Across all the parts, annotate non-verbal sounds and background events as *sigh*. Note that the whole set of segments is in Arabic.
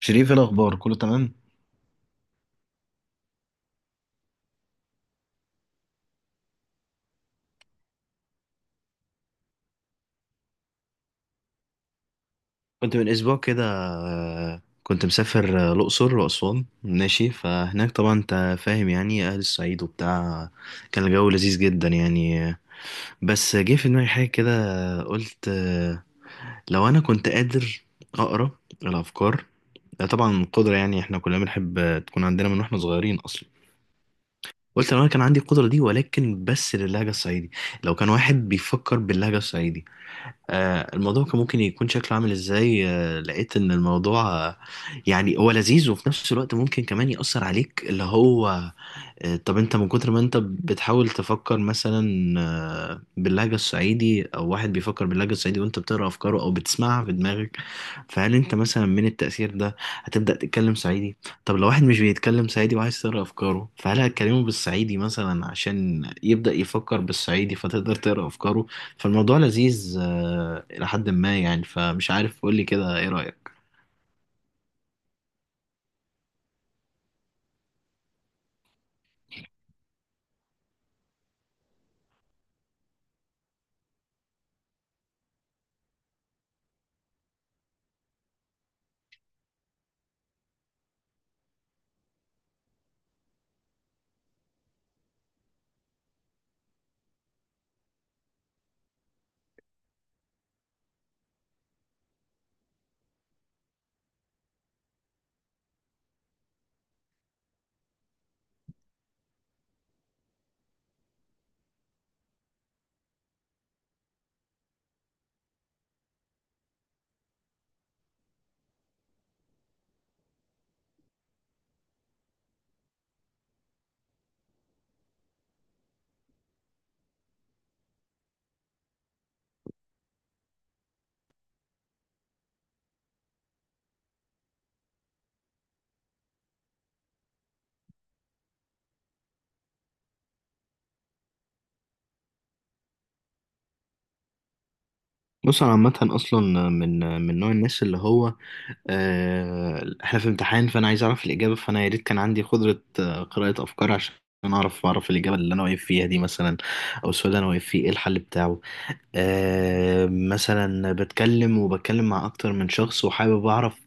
شريف، إيه الأخبار؟ كله تمام؟ كنت من اسبوع كده، كنت مسافر الاقصر واسوان ماشي. فهناك طبعا انت فاهم، يعني اهل الصعيد وبتاع. كان الجو لذيذ جدا يعني. بس جه في دماغي حاجه كده، قلت لو انا كنت قادر اقرا الافكار. ده طبعا قدره، يعني احنا كلنا بنحب تكون عندنا من واحنا صغيرين اصلا. قلت لو انا كان عندي القدره دي، ولكن بس للهجه الصعيدي. لو كان واحد بيفكر باللهجه الصعيدي، الموضوع كان ممكن يكون شكله عامل ازاي؟ لقيت ان الموضوع آه، يعني هو لذيذ، وفي نفس الوقت ممكن كمان يأثر عليك. اللي هو طب انت من كتر ما انت بتحاول تفكر مثلا باللهجة الصعيدي، او واحد بيفكر باللهجة الصعيدي وانت بتقرأ افكاره او بتسمعها في دماغك، فهل انت مثلا من التأثير ده هتبدأ تتكلم صعيدي؟ طب لو واحد مش بيتكلم صعيدي وعايز تقرأ افكاره، فهل هتكلمه بالصعيدي مثلا عشان يبدأ يفكر بالصعيدي فتقدر تقرأ افكاره؟ فالموضوع لذيذ الى حد ما يعني. فمش عارف، قولي كده ايه رأيك. بص، انا عامة اصلا من من نوع الناس اللي هو احنا في امتحان، فانا عايز اعرف الاجابه، فانا يا ريت كان عندي قدره قراءه افكار عشان اعرف، اعرف الاجابه اللي انا واقف فيها دي مثلا، او السؤال اللي انا واقف فيه ايه الحل بتاعه. مثلا بتكلم وبتكلم مع اكتر من شخص، وحابب اعرف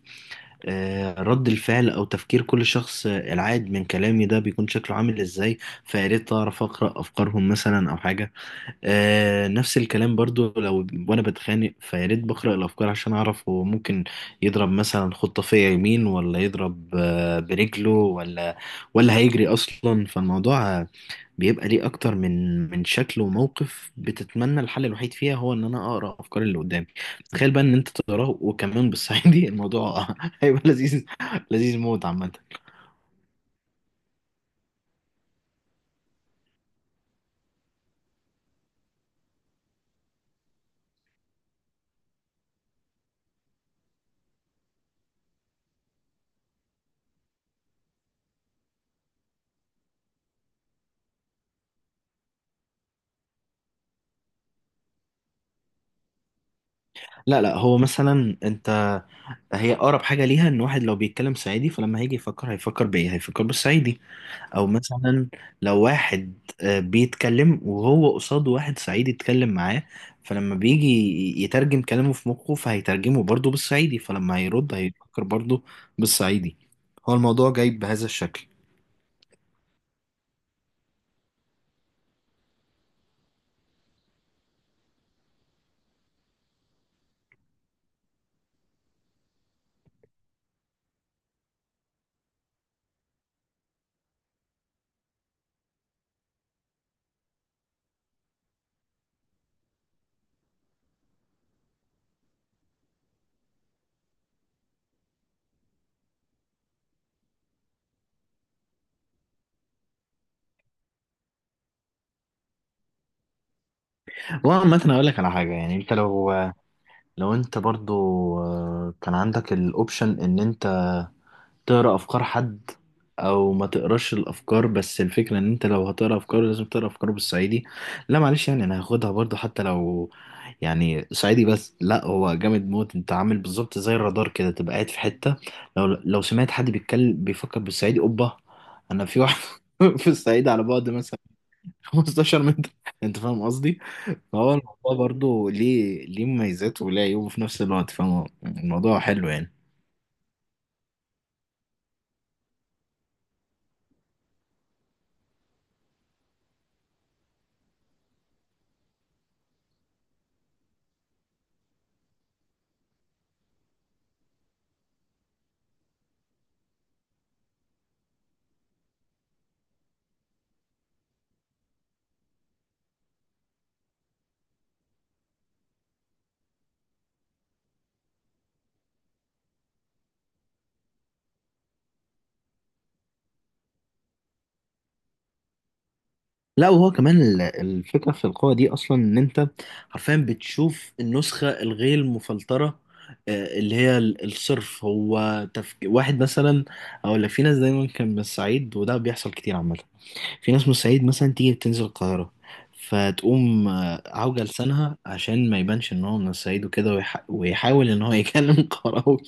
رد الفعل او تفكير كل شخص العاد من كلامي ده بيكون شكله عامل ازاي. فيا ريت اعرف اقرا افكارهم مثلا او حاجه. نفس الكلام برضو، لو وانا بتخانق، فيا ريت بقرأ الافكار عشان اعرف هو ممكن يضرب مثلا خطة فيا يمين، ولا يضرب برجله، ولا ولا هيجري اصلا. فالموضوع بيبقى ليه اكتر من من شكل وموقف، بتتمنى الحل الوحيد فيها هو ان انا اقرأ افكار اللي قدامي. تخيل بقى ان انت تقراه وكمان بالصعيدي! *laughs* الموضوع هيبقى لذيذ، لذيذ موت عامة. لا لا، هو مثلا انت، هي اقرب حاجه ليها ان واحد لو بيتكلم صعيدي، فلما هيجي يفكر هيفكر بايه؟ هيفكر بالصعيدي. او مثلا لو واحد بيتكلم وهو قصاده واحد صعيدي يتكلم معاه، فلما بيجي يترجم كلامه في مخه، فهيترجمه برضه بالصعيدي، فلما هيرد هيفكر برضه بالصعيدي. هو الموضوع جاي بهذا الشكل. وعامة اقول لك على حاجة، يعني انت لو، لو انت برضه كان عندك الاوبشن ان انت تقرا افكار حد او ما تقراش الافكار، بس الفكره ان انت لو هتقرا افكار لازم تقرا افكار بالصعيدي. لا معلش، يعني انا هاخدها برضو حتى لو يعني صعيدي. بس لا، هو جامد موت، انت عامل بالظبط زي الرادار كده، تبقى قاعد في حته، لو سمعت حد بيتكلم بيفكر بالصعيدي، اوبا، انا في واحد *laughs* في الصعيد على بعد مثلا 15 متر. انت فاهم قصدي؟ فهو الموضوع برضو ليه ليه مميزات وليه عيوب في نفس الوقت، فاهم؟ الموضوع حلو يعني. لا، وهو كمان الفكرة في القوة دي أصلا، إن أنت حرفيا بتشوف النسخة الغير مفلترة، اللي هي الصرف. هو واحد مثلا أقول لك، في ناس دايما كان من الصعيد، وده بيحصل كتير عامة. في ناس من الصعيد مثلا تيجي تنزل القاهرة، فتقوم عوجة لسانها عشان ما يبانش إن هو من الصعيد، وكده ويحاول إن هو يكلم *laughs* قراوي.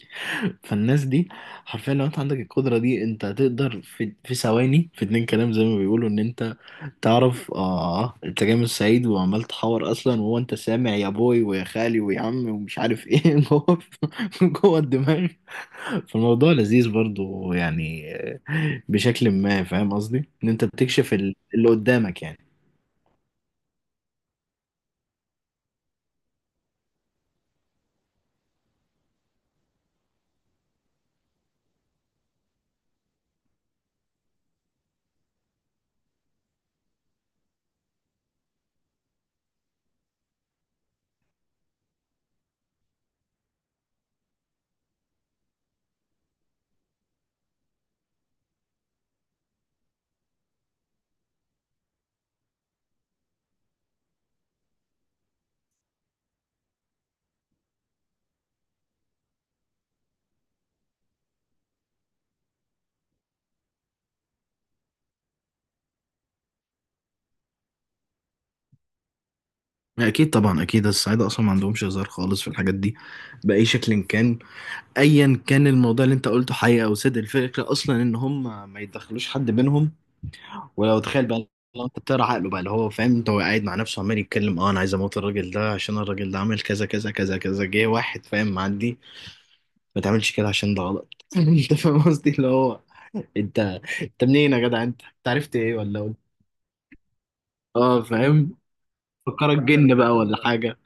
فالناس دي حرفيا لو انت عندك القدرة دي، انت هتقدر في ثواني، في اتنين كلام زي ما بيقولوا، ان انت تعرف اه انت جاي من الصعيد وعمال تحور اصلا، وهو انت سامع يا بوي ويا خالي ويا عم ومش عارف ايه *laughs* جوه جوه الدماغ. فالموضوع لذيذ برضو يعني بشكل ما. فاهم قصدي ان انت بتكشف اللي قدامك يعني. اكيد طبعا اكيد، الصعايده اصلا ما عندهمش هزار خالص في الحاجات دي باي شكل كان. ايا كان الموضوع اللي انت قلته حقيقه او صدق، الفكره اصلا ان هم ما يدخلوش حد بينهم. ولو تخيل بقى، لو انت بتقرا عقله بقى، اللي هو فاهم انت، هو قاعد مع نفسه عمال يتكلم، اه انا عايز اموت الراجل ده عشان الراجل ده عمل كذا كذا كذا كذا، جه واحد فاهم معدي، ما تعملش كده عشان ده غلط. *laughs* انت فاهم قصدي، اللي هو، انت، انت منين يا جدع؟ انت انت عرفت ايه؟ ولا اه فاهم. فكرك جن بقى ولا حاجه؟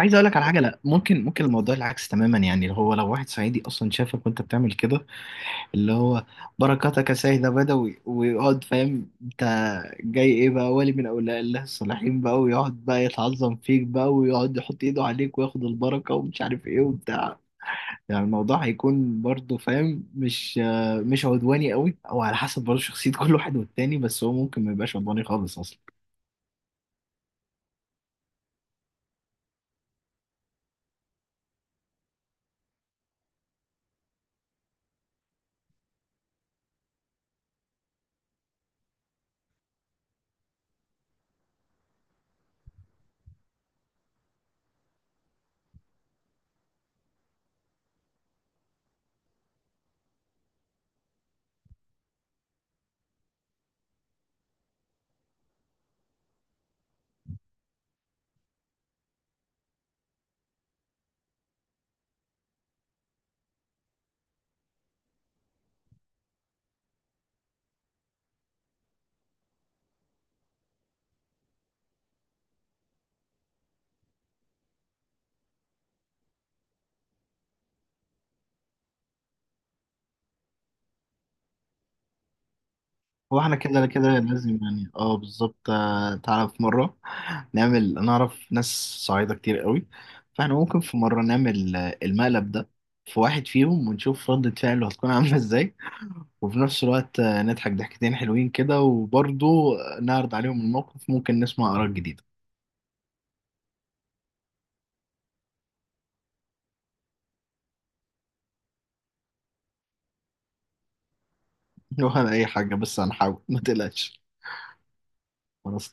عايز اقول لك على حاجه، لا ممكن، ممكن الموضوع العكس تماما يعني. اللي هو لو واحد صعيدي اصلا شافك وانت بتعمل كده، اللي هو، بركاتك يا سيد بدوي، ويقعد فاهم انت جاي ايه بقى، ولي من اولياء الله الصالحين بقى، ويقعد بقى يتعظم فيك بقى ويقعد يحط ايده عليك وياخد البركة ومش عارف ايه وبتاع. يعني الموضوع هيكون برضه، فاهم، مش مش عدواني قوي، او على حسب برضه شخصية كل واحد والتاني، بس هو ممكن ما يبقاش عدواني خالص اصلا. هو احنا كده كده لازم، يعني اه بالظبط. تعالى في مرة نعمل، انا اعرف ناس صعيدة كتير قوي، فاحنا ممكن في مرة نعمل المقلب ده في واحد فيهم ونشوف ردة فعله هتكون عاملة ازاي. وفي نفس الوقت نضحك ضحكتين حلوين كده، وبرضه نعرض عليهم الموقف، ممكن نسمع آراء جديدة. *laughs* ولا أي حاجة، بس هنحاول ما تقلقش. خلاص.